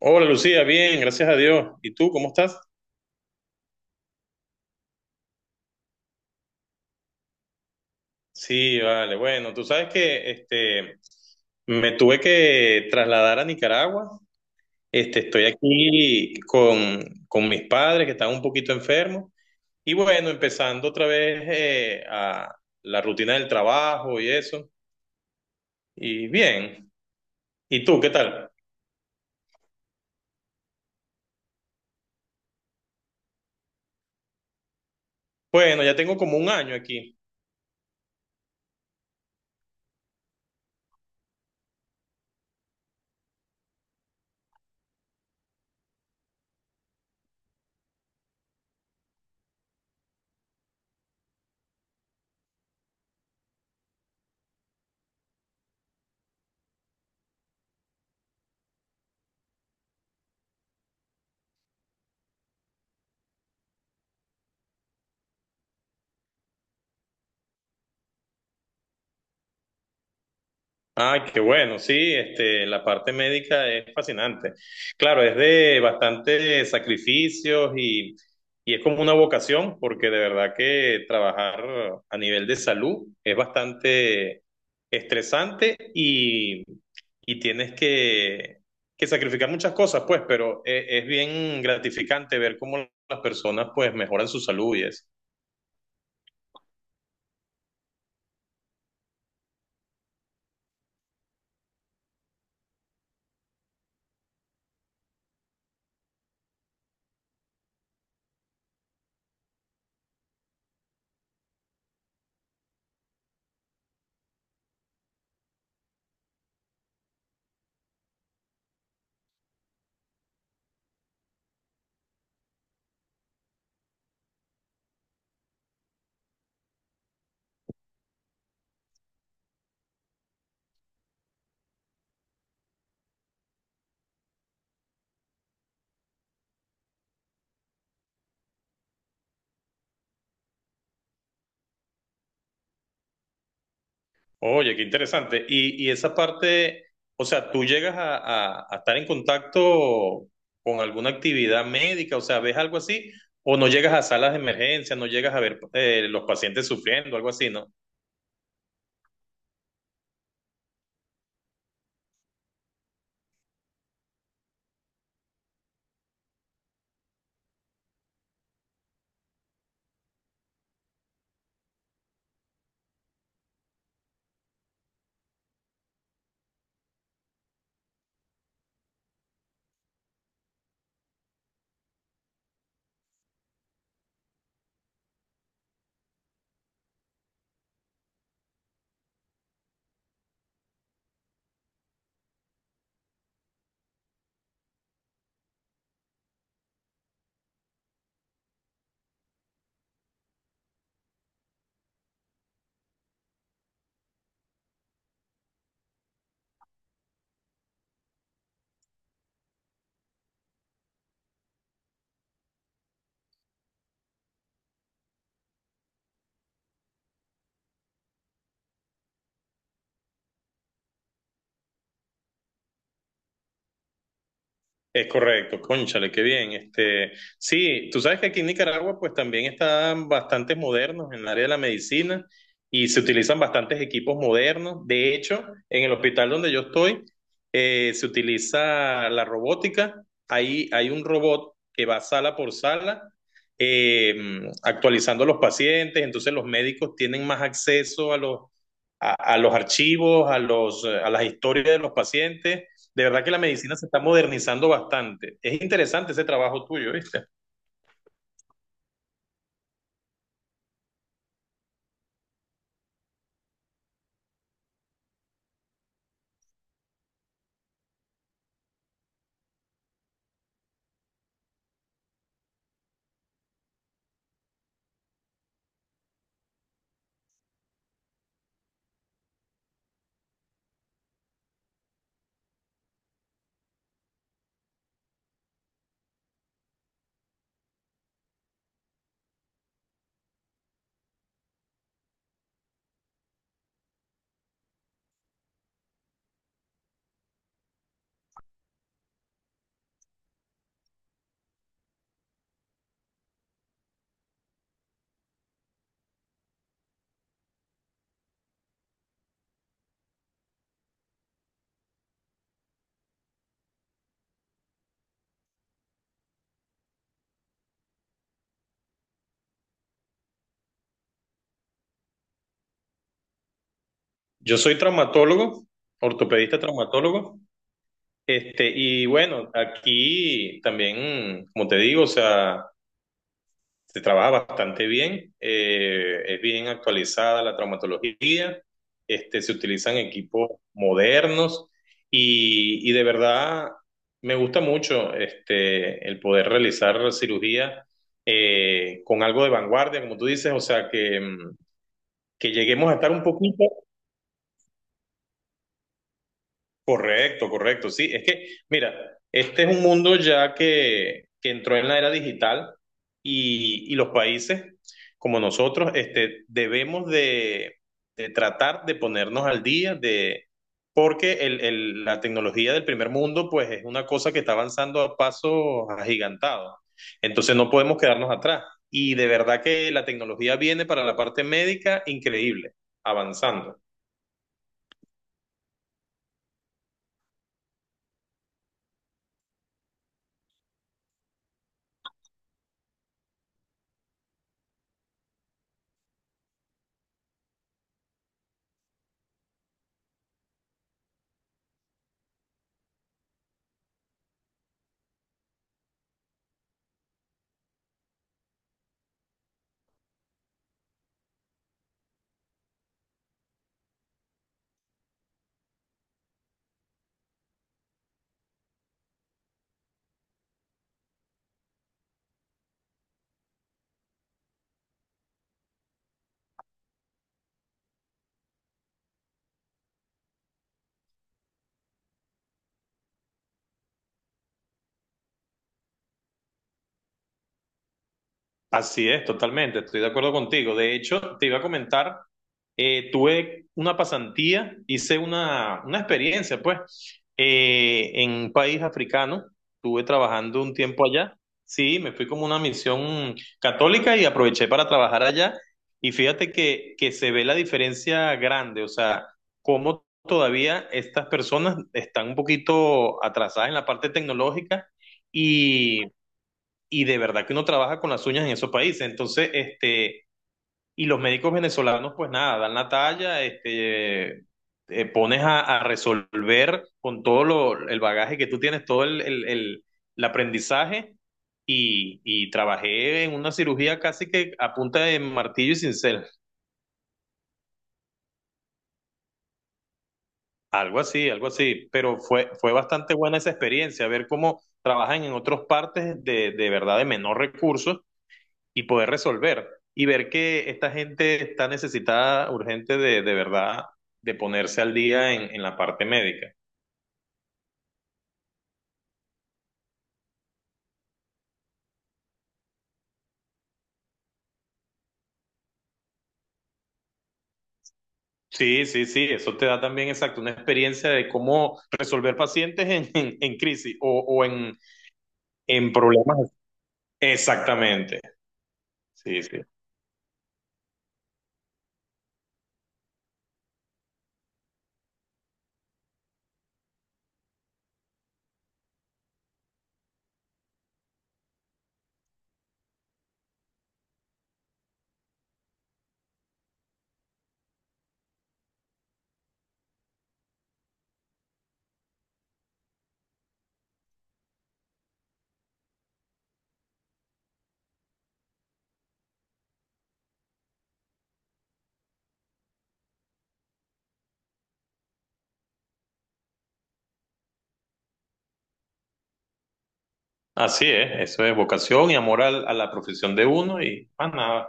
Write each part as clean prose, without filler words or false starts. Hola Lucía, bien, gracias a Dios. ¿Y tú cómo estás? Sí, vale, bueno, tú sabes que me tuve que trasladar a Nicaragua. Estoy aquí con mis padres que están un poquito enfermos. Y bueno, empezando otra vez a la rutina del trabajo y eso. Y bien. ¿Y tú qué tal? Bueno, ya tengo como un año aquí. Ay, qué bueno, sí, la parte médica es fascinante. Claro, es de bastante sacrificios y es como una vocación, porque de verdad que trabajar a nivel de salud es bastante estresante y, y tienes que sacrificar muchas cosas, pues, pero es, bien gratificante ver cómo las personas pues mejoran su salud y eso. Oye, qué interesante. Y esa parte, o sea, tú llegas a, a estar en contacto con alguna actividad médica, o sea, ¿ves algo así? ¿O no llegas a salas de emergencia, no llegas a ver los pacientes sufriendo, algo así, ¿no? Es correcto, cónchale, qué bien. Sí, tú sabes que aquí en Nicaragua pues también están bastantes modernos en el área de la medicina y se utilizan bastantes equipos modernos. De hecho, en el hospital donde yo estoy se utiliza la robótica. Ahí hay un robot que va sala por sala eh, actualizando a los pacientes. Entonces los médicos tienen más acceso a a los archivos, a a las historias de los pacientes. De verdad que la medicina se está modernizando bastante. Es interesante ese trabajo tuyo, ¿viste? Yo soy traumatólogo, ortopedista traumatólogo, y bueno, aquí también, como te digo, o sea, se trabaja bastante bien, es bien actualizada la traumatología, se utilizan equipos modernos y de verdad me gusta mucho el poder realizar cirugía con algo de vanguardia, como tú dices, o sea, que lleguemos a estar un poquito. Correcto, correcto. Sí, es que, mira, este es un mundo ya que entró en la era digital y los países como nosotros debemos de tratar de ponernos al día de, porque la tecnología del primer mundo pues es una cosa que está avanzando a pasos agigantados. Entonces no podemos quedarnos atrás. Y de verdad que la tecnología viene para la parte médica increíble, avanzando. Así es, totalmente, estoy de acuerdo contigo. De hecho, te iba a comentar, tuve una pasantía, hice una experiencia, pues, en un país africano, estuve trabajando un tiempo allá, sí, me fui como una misión católica y aproveché para trabajar allá y fíjate que se ve la diferencia grande, o sea, cómo todavía estas personas están un poquito atrasadas en la parte tecnológica. Y, y de verdad que uno trabaja con las uñas en esos países. Entonces, y los médicos venezolanos, pues nada, dan la talla, te pones a resolver con todo lo, el bagaje que tú tienes, todo el aprendizaje. Y trabajé en una cirugía casi que a punta de martillo y cincel, algo así, pero fue bastante buena esa experiencia, ver cómo trabajan en otras partes de verdad de menor recursos y poder resolver y ver que esta gente está necesitada urgente de verdad de ponerse al día en la parte médica. Sí, sí, sí, eso te da también exacto una experiencia de cómo resolver pacientes en, en crisis en problemas. Exactamente, sí, sí. Así es, eso es vocación y amor a la profesión de uno y más nada.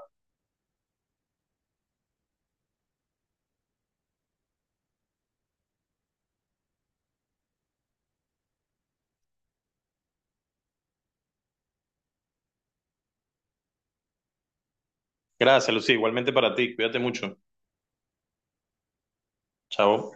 Gracias, Lucía, igualmente para ti, cuídate mucho. Chao.